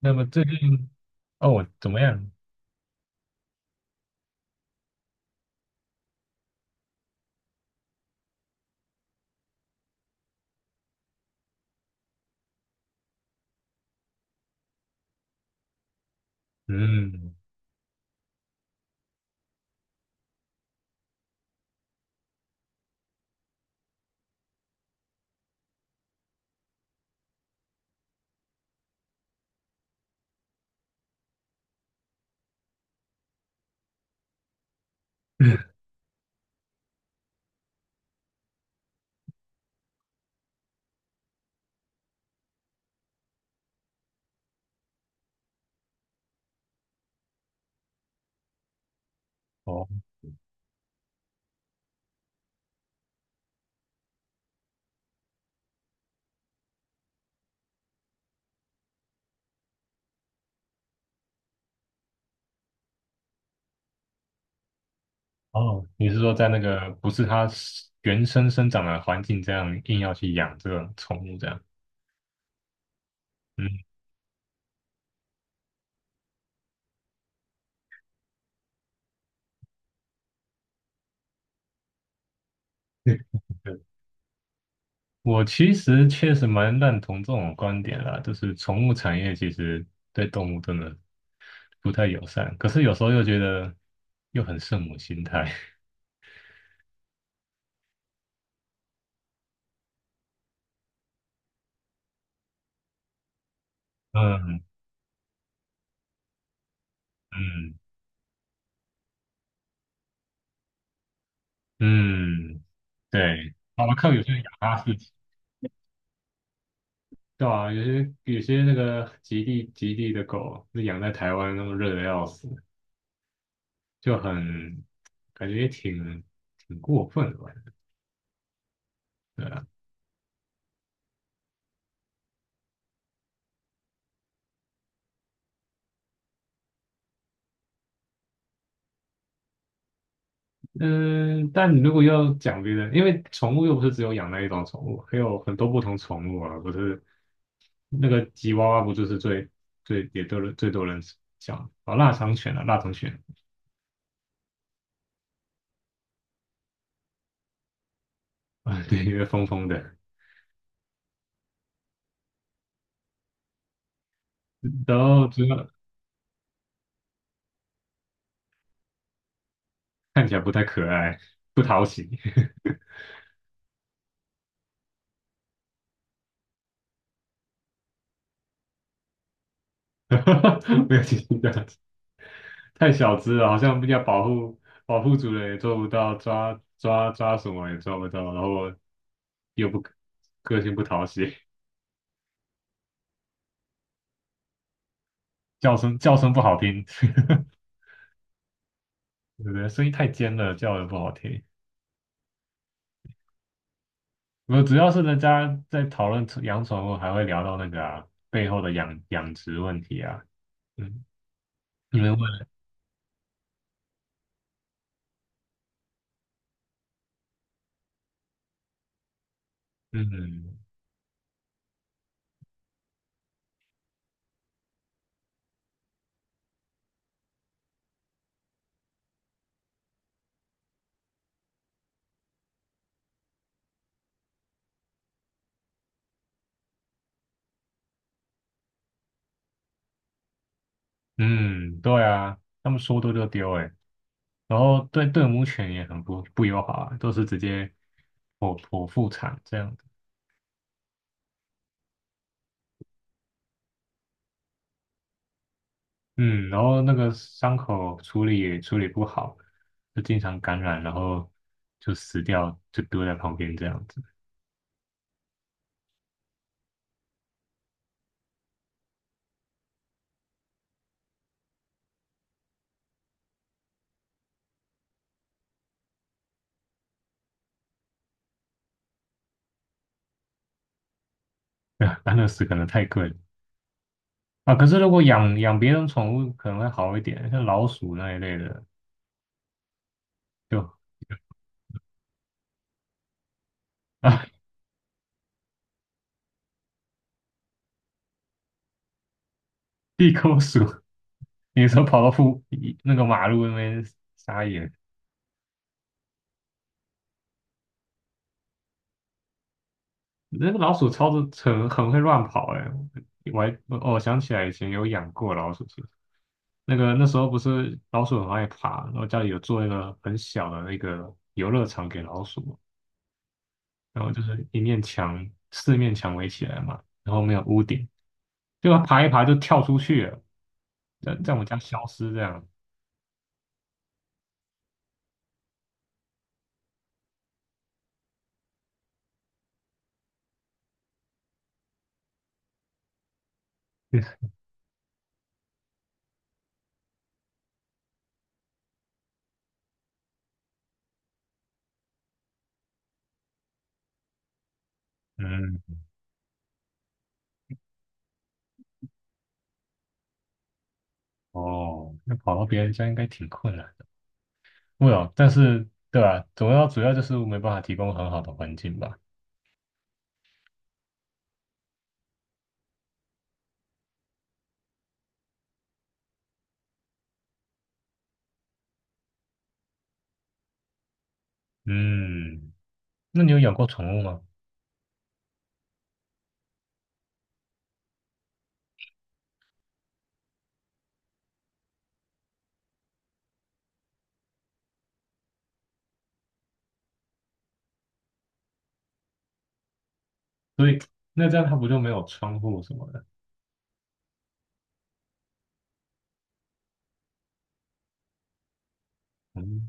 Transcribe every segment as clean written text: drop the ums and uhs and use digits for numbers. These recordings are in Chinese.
那么最近哦怎么样？嗯，哦哦，你是说在那个不是它是原生生长的环境这样硬要去养这个宠物这样？嗯，对对，我其实确实蛮认同这种观点啦，就是宠物产业其实对动物真的不太友善，可是有时候又觉得又很圣母心态。嗯嗯嗯，对，好了，看有些人养哈士奇。对啊，有些那个极地的狗，那养在台湾那么热的要死，就很感觉也挺过分的吧？对啊，嗯，但你如果要讲别的，因为宠物又不是只有养那一种宠物，还有很多不同宠物啊，不是那个吉娃娃不就是最也都是最多人讲哦，腊肠犬啊，腊肠犬啊，对，因为疯疯的，然后主要看起来不太可爱，不讨喜，没有其他的。太小只了，好像要保护主人也做不到，抓抓抓什么也抓不到，然后又不个性不讨喜，叫声不好听，对不对？声音太尖了，叫的不好听。我主要是人家在讨论宠养宠物，还会聊到那个啊背后的养殖问题啊。嗯，你们问，嗯嗯，对啊，他们说丢就丢哎、欸然后对对母犬也很不友好啊，都是直接剖腹产这样。嗯，然后那个伤口处理也处理不好，就经常感染，然后就死掉，就丢在旁边这样子。安乐死可能太贵了啊。可是如果养别人宠物可能会好一点，像老鼠那一类的，就 啊地沟鼠，有时候跑到那个马路那边撒野。那个老鼠超的很会乱跑哎、我还哦，我想起来以前有养过老鼠，是，那个那时候不是老鼠很爱爬，然后家里有做一个很小的那个游乐场给老鼠嘛然后就是一面墙四面墙围起来嘛，然后没有屋顶，就它爬一爬就跳出去了，在我们家消失这样。嗯，哦，那跑到别人家应该挺困难的。会哦，但是对吧？主要就是没办法提供很好的环境吧。嗯，那你有养过宠物吗？所以那这样它不就没有窗户什么的？嗯，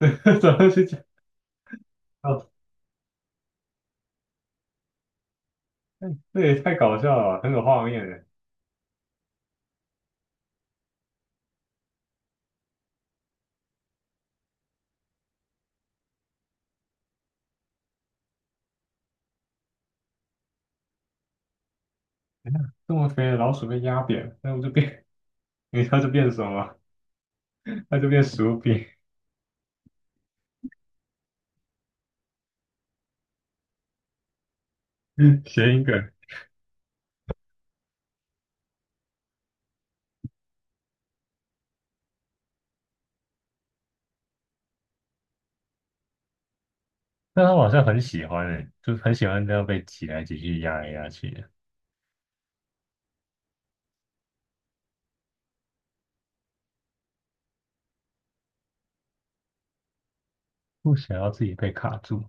怎么去讲？哦，这也太搞笑了吧，很有画面耶。这么肥的老鼠被压扁，那不就变？你知道就变什么？它就变薯饼，谐音梗。但它好像很喜欢诶，就是很喜欢这样被挤来挤去、压来压去的，不想要自己被卡住。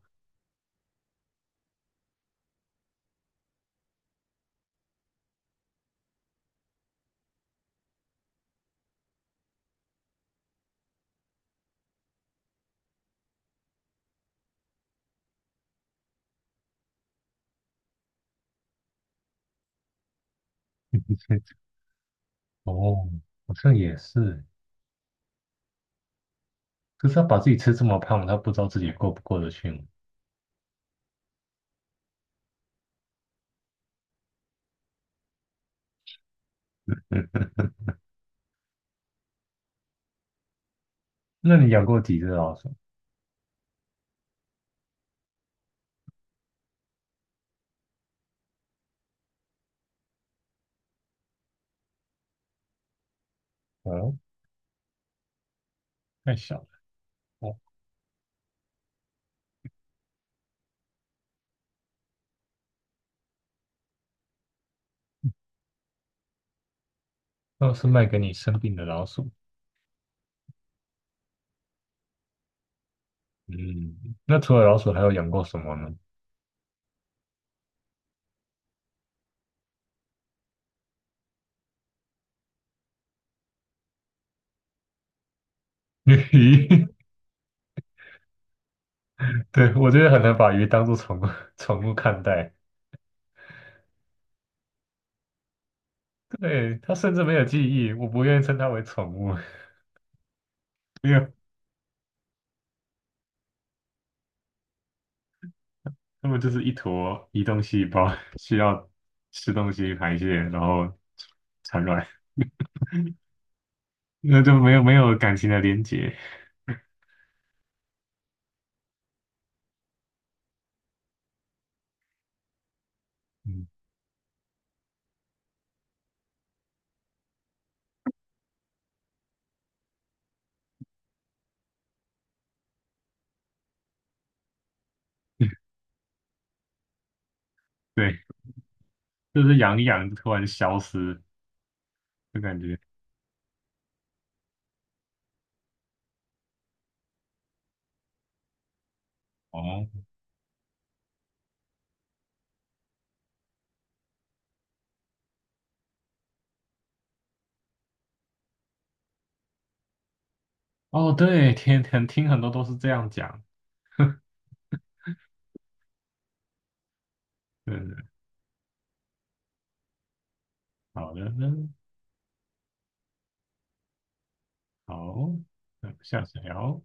哦，好像也是，可是它把自己吃这么胖，它不知道自己过不过得去吗？那你养过几只老鼠？哦，太小了。哦。那是卖给你生病的老鼠。嗯，那除了老鼠，还有养过什么呢？鱼，对，我觉得很难把鱼当做宠物看待。对，它甚至没有记忆，我不愿意称它为宠物，没有，它们就是一坨移动细胞，需要吃东西排泄，然后产卵，那就没有感情的连接。嗯，对，就是养一养就突然消失，就感觉哦哦，对，天天听很多都是这样讲。对。好的，那好，那下次聊。